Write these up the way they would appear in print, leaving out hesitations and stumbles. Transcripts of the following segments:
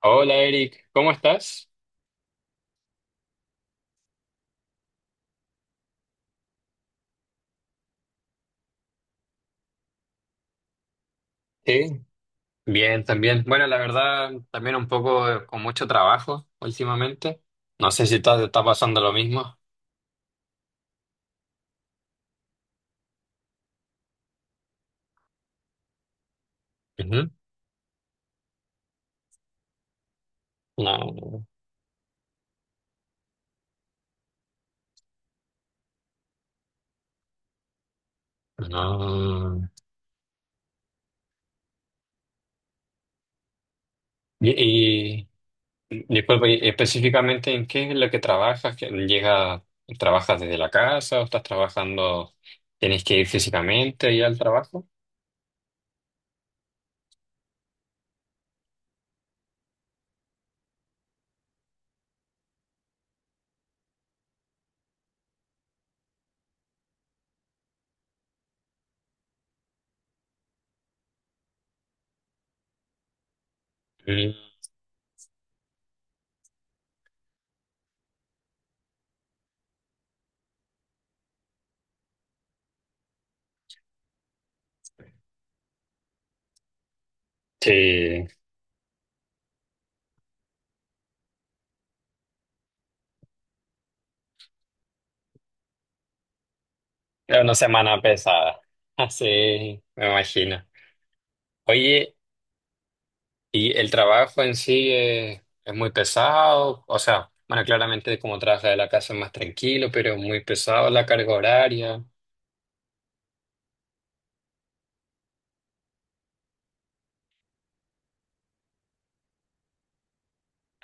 Hola Eric, ¿cómo estás? Sí, bien, también. Bueno, la verdad, también un poco con mucho trabajo últimamente. No sé si está pasando lo mismo. Ujú. No, no. Y, y- Disculpa, ¿y específicamente en qué es lo que trabajas? ¿Que ¿Llega, trabajas desde la casa o estás trabajando, tienes que ir físicamente ahí al trabajo? Mm, sí, es una semana pesada. Sí, me imagino. Oye, y el trabajo en sí es muy pesado, o sea, bueno, claramente como trabaja de la casa es más tranquilo, pero es muy pesado la carga horaria.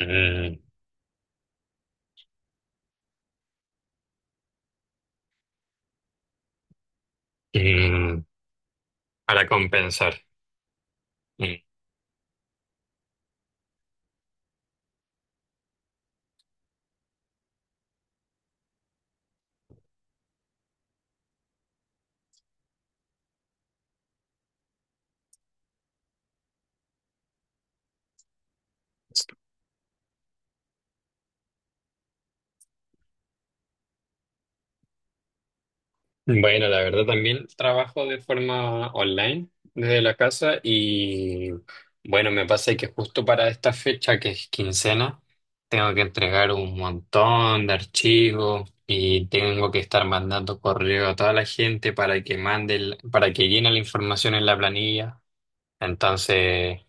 Mm, mm, para compensar. Bueno, la verdad también trabajo de forma online desde la casa y bueno, me pasa que justo para esta fecha que es quincena, tengo que entregar un montón de archivos y tengo que estar mandando correo a toda la gente para que mande, para que llene la información en la planilla. Entonces,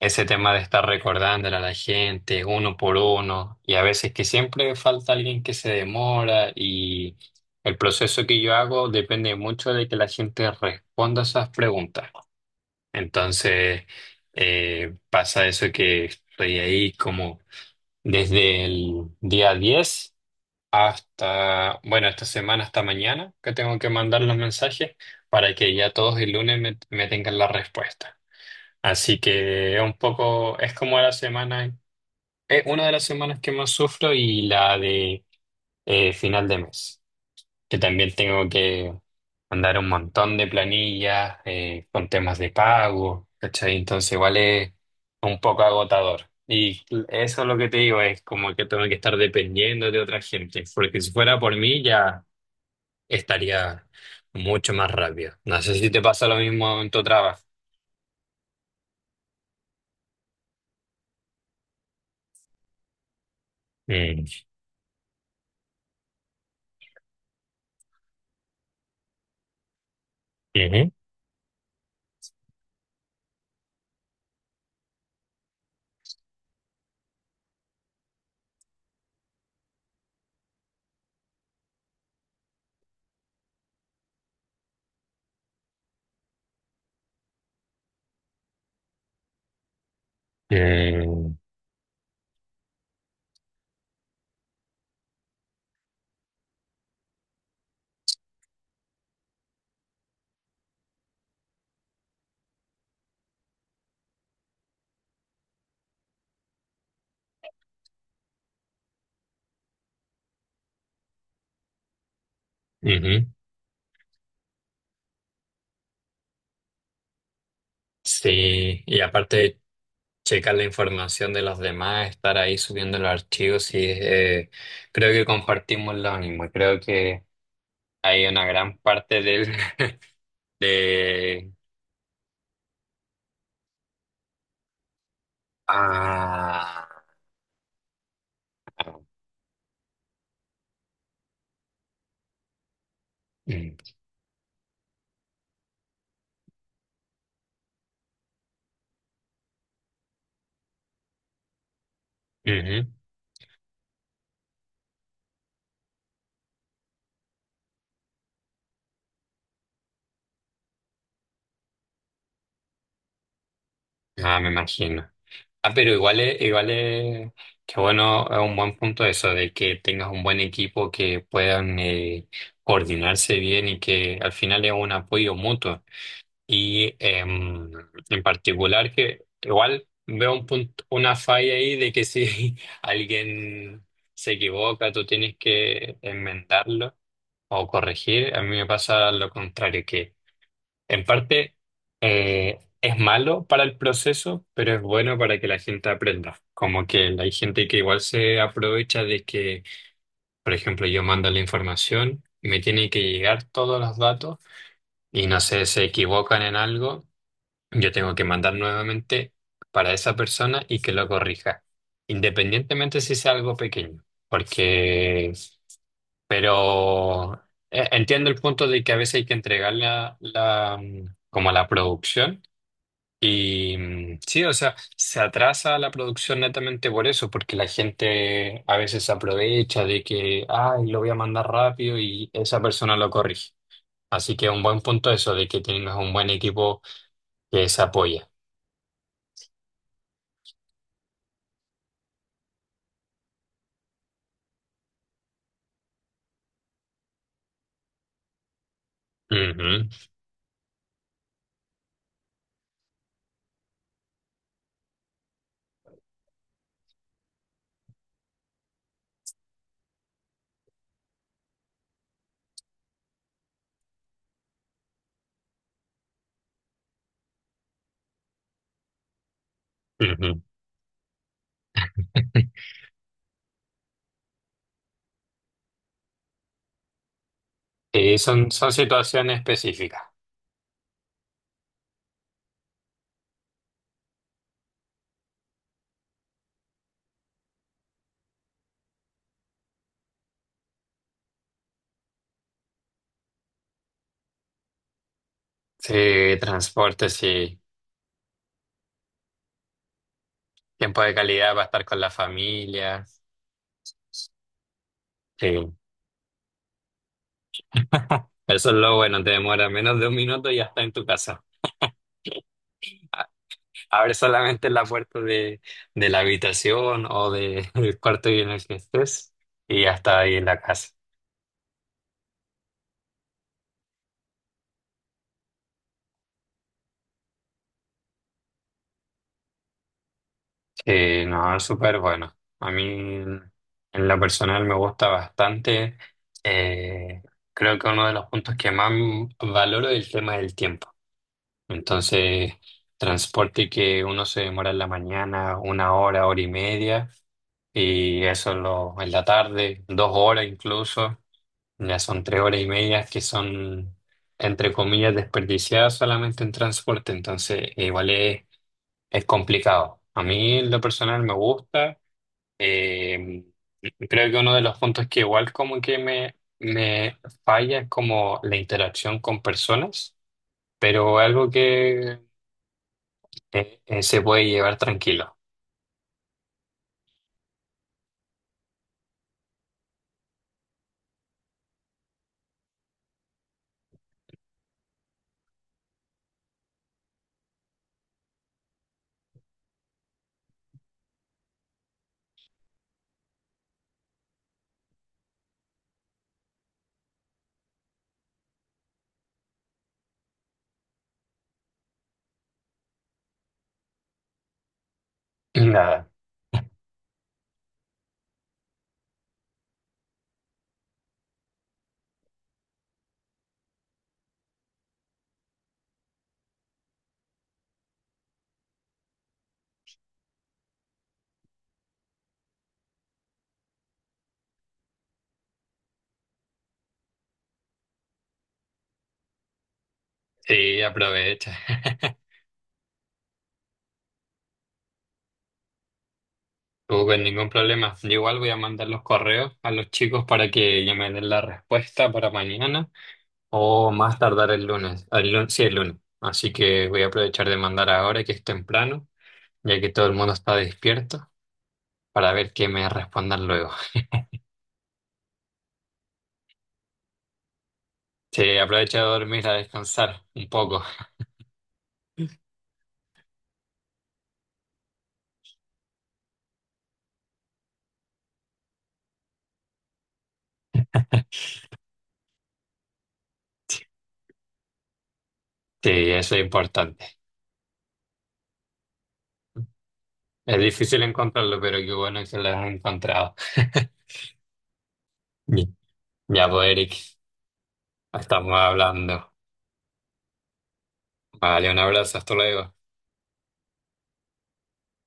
ese tema de estar recordándole a la gente uno por uno y a veces que siempre falta alguien que se demora y el proceso que yo hago depende mucho de que la gente responda esas preguntas. Entonces pasa eso que estoy ahí como desde el día 10 hasta, bueno, esta semana hasta mañana que tengo que mandar los mensajes para que ya todos el lunes me tengan la respuesta. Así que un poco es como la semana, es una de las semanas que más sufro y la de final de mes, que también tengo que mandar un montón de planillas con temas de pago, ¿cachai? Entonces igual es un poco agotador. Y eso es lo que te digo, es como que tengo que estar dependiendo de otra gente, porque si fuera por mí ya estaría mucho más rápido. No sé si te pasa lo mismo en tu trabajo. Mm. Ujú. Eh, ujú. Sí, y aparte checar la información de los demás, estar ahí subiendo los archivos y creo que compartimos lo mismo. Creo que hay una gran parte del de ah mm, ujú. Ah, me imagino. Ah, pero igual es que bueno, es un buen punto eso de que tengas un buen equipo que puedan coordinarse bien y que al final es un apoyo mutuo. Y en particular que igual veo un punto, una falla ahí de que si alguien se equivoca, tú tienes que enmendarlo o corregir. A mí me pasa lo contrario, que en parte es malo para el proceso, pero es bueno para que la gente aprenda. Como que hay gente que igual se aprovecha de que, por ejemplo, yo mando la información, me tiene que llegar todos los datos y no sé, se equivocan en algo yo tengo que mandar nuevamente para esa persona y que lo corrija, independientemente si sea algo pequeño, porque, pero entiendo el punto de que a veces hay que entregar como la producción y sí, o sea, se atrasa la producción netamente por eso, porque la gente a veces se aprovecha de que, ay, lo voy a mandar rápido y esa persona lo corrige. Así que es un buen punto eso de que tengas un buen equipo que se apoya. Ujú. Ujú. Sí, son situaciones específicas. Sí, transporte, sí. Tiempo de calidad para estar con la familia. Sí. Eso es lo bueno, te demora menos de 1 minuto y ya está en tu casa. Abre solamente la puerta de la habitación del cuarto en el que estés y ya está ahí en la casa. Sí, no, es súper bueno. A mí, en lo personal, me gusta bastante. Eh, creo que uno de los puntos que más valoro es el tema del tiempo. Entonces, transporte que uno se demora en la mañana 1 hora, hora y media, y eso lo, en la tarde, 2 horas incluso, ya son 3 horas y media que son, entre comillas, desperdiciadas solamente en transporte, entonces es complicado. A mí en lo personal me gusta, eh, creo que uno de los puntos que igual como que me falla es como la interacción con personas, pero algo que se puede llevar tranquilo. Nada. Y aprovecha. Tú con ningún problema. Yo igual voy a mandar los correos a los chicos para que ya me den la respuesta para mañana o más tardar el lunes. El lunes, sí, el lunes. Así que voy a aprovechar de mandar ahora que es temprano, ya que todo el mundo está despierto, para ver qué me respondan luego. Sí, aprovecha de dormir, a descansar un poco. Sí, eso es importante. Es difícil encontrarlo, pero qué bueno que lo has encontrado. Ya, pues, Eric, estamos hablando. Vale, un abrazo, hasta luego.